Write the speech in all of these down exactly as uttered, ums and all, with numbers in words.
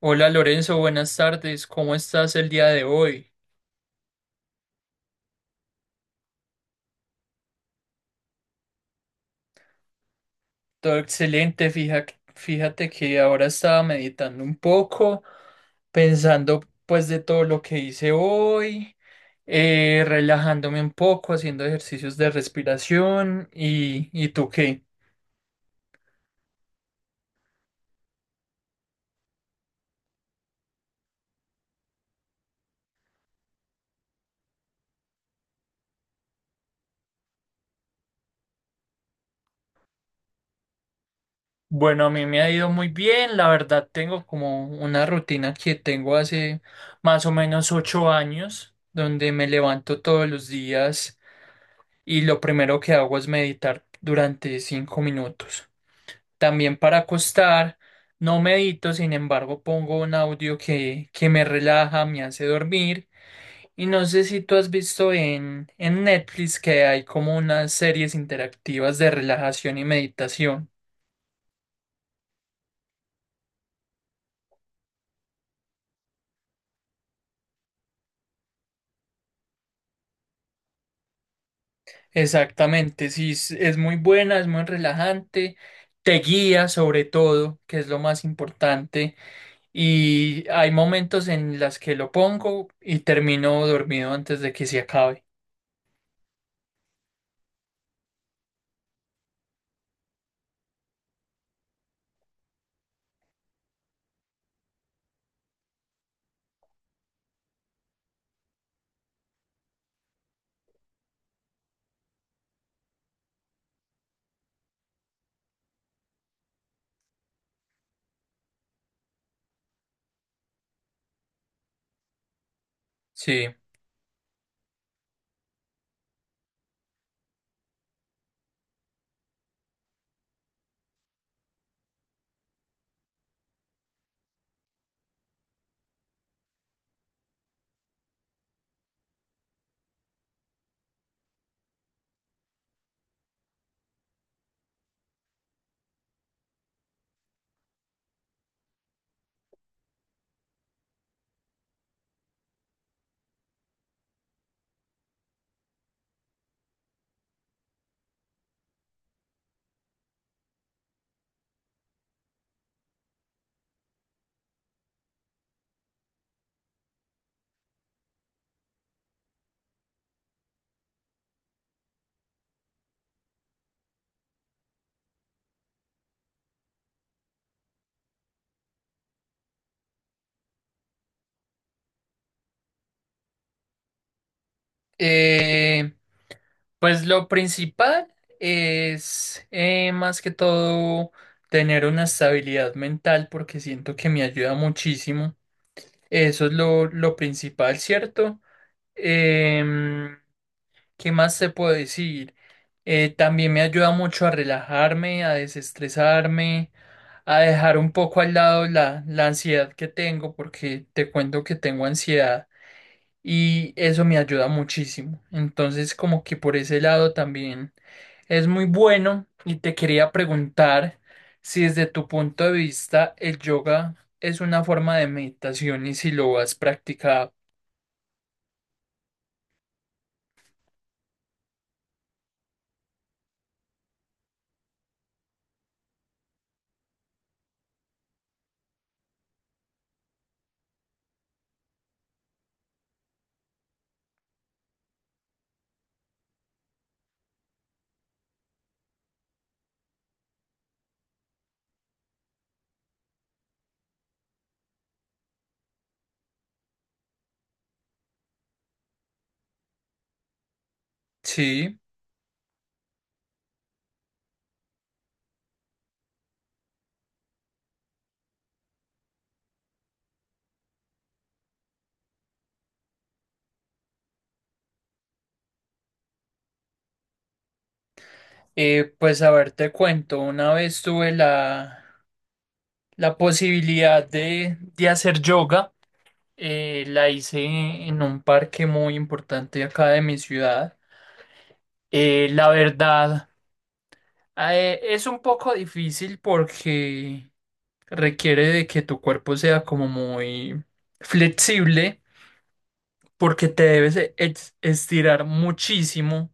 Hola Lorenzo, buenas tardes. ¿Cómo estás el día de hoy? Todo excelente. Fija- Fíjate que ahora estaba meditando un poco, pensando pues de todo lo que hice hoy, eh, relajándome un poco, haciendo ejercicios de respiración y, ¿y tú qué? Bueno, a mí me ha ido muy bien. La verdad, tengo como una rutina que tengo hace más o menos ocho años, donde me levanto todos los días, y lo primero que hago es meditar durante cinco minutos. También para acostar, no medito, sin embargo, pongo un audio que, que me relaja, me hace dormir. Y no sé si tú has visto en, en Netflix que hay como unas series interactivas de relajación y meditación. Exactamente, sí, es, es muy buena, es muy relajante, te guía sobre todo, que es lo más importante, y hay momentos en las que lo pongo y termino dormido antes de que se acabe. Sí. Eh, pues lo principal es eh, más que todo tener una estabilidad mental porque siento que me ayuda muchísimo. Eso es lo, lo principal, ¿cierto? Em, ¿Qué más te puedo decir? Eh, también me ayuda mucho a relajarme, a desestresarme, a dejar un poco al lado la, la ansiedad que tengo, porque te cuento que tengo ansiedad y eso me ayuda muchísimo. Entonces, como que por ese lado también es muy bueno, y te quería preguntar si desde tu punto de vista el yoga es una forma de meditación y si lo has practicado. Sí. Eh, pues a ver, te cuento, una vez tuve la, la posibilidad de, de hacer yoga, eh, la hice en un parque muy importante acá de mi ciudad. Eh, la verdad, eh, es un poco difícil porque requiere de que tu cuerpo sea como muy flexible, porque te debes e- ex- estirar muchísimo,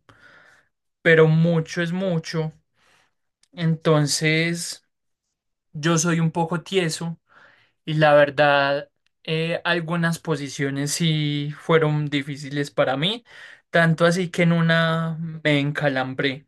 pero mucho es mucho. Entonces... Yo soy un poco tieso y la verdad, eh, algunas posiciones sí fueron difíciles para mí, tanto así que en una me encalambré.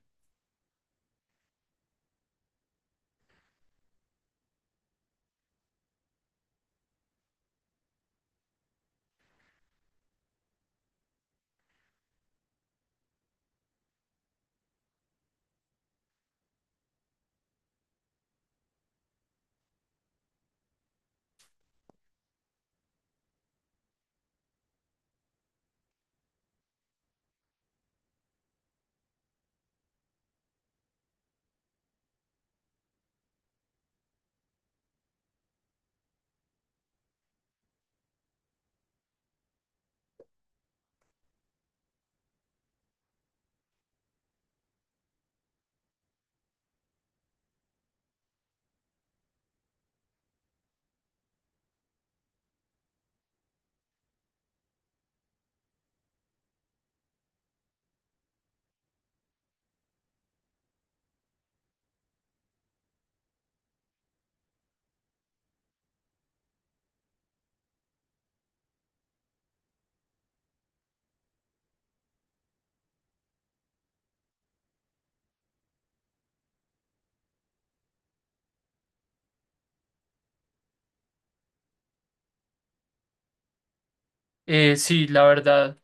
Eh, sí, la verdad,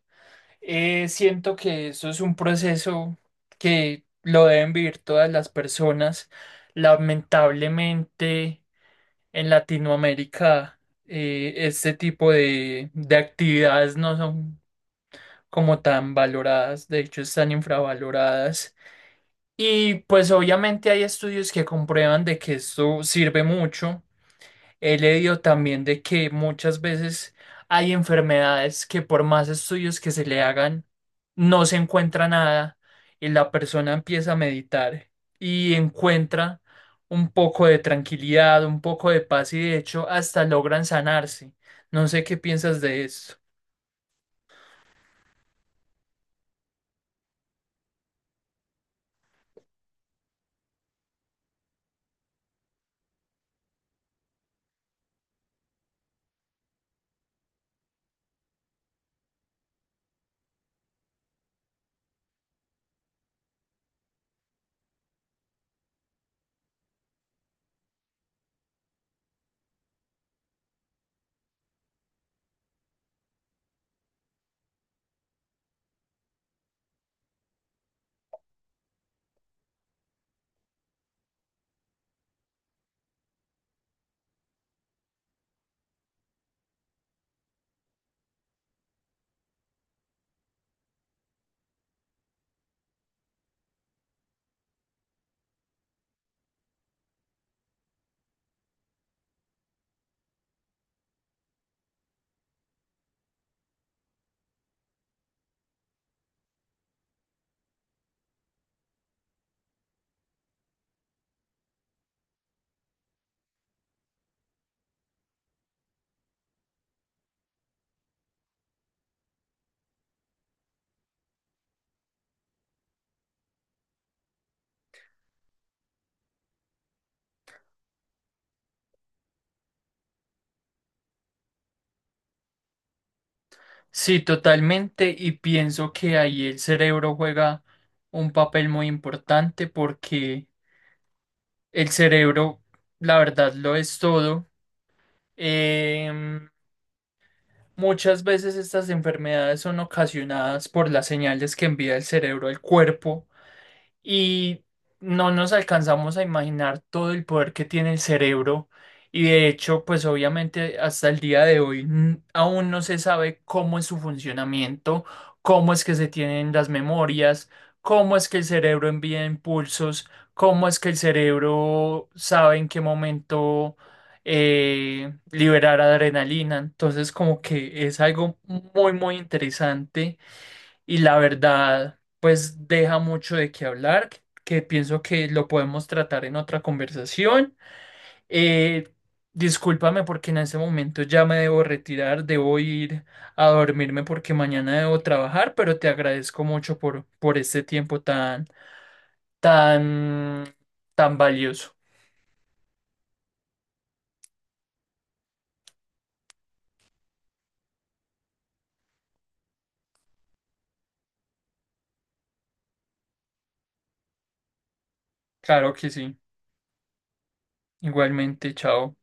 eh, siento que eso es un proceso que lo deben vivir todas las personas. Lamentablemente, en Latinoamérica, eh, este tipo de, de actividades no son como tan valoradas, de hecho están infravaloradas. Y pues obviamente hay estudios que comprueban de que esto sirve mucho. He leído también de que muchas veces hay enfermedades que por más estudios que se le hagan, no se encuentra nada, y la persona empieza a meditar y encuentra un poco de tranquilidad, un poco de paz, y de hecho hasta logran sanarse. No sé qué piensas de esto. Sí, totalmente, y pienso que ahí el cerebro juega un papel muy importante porque el cerebro, la verdad, lo es todo. Em, muchas veces estas enfermedades son ocasionadas por las señales que envía el cerebro al cuerpo y no nos alcanzamos a imaginar todo el poder que tiene el cerebro, y de hecho, pues obviamente hasta el día de hoy mm, aún no se sabe cómo es su funcionamiento, cómo es que se tienen las memorias, cómo es que el cerebro envía impulsos, cómo es que el cerebro sabe en qué momento eh, liberar adrenalina. Entonces, como que es algo muy, muy interesante, y la verdad, pues deja mucho de qué hablar, que que pienso que lo podemos tratar en otra conversación. Eh, discúlpame porque en ese momento ya me debo retirar, debo ir a dormirme porque mañana debo trabajar, pero te agradezco mucho por, por este tiempo tan, tan, tan valioso. Claro que sí. Igualmente, chao.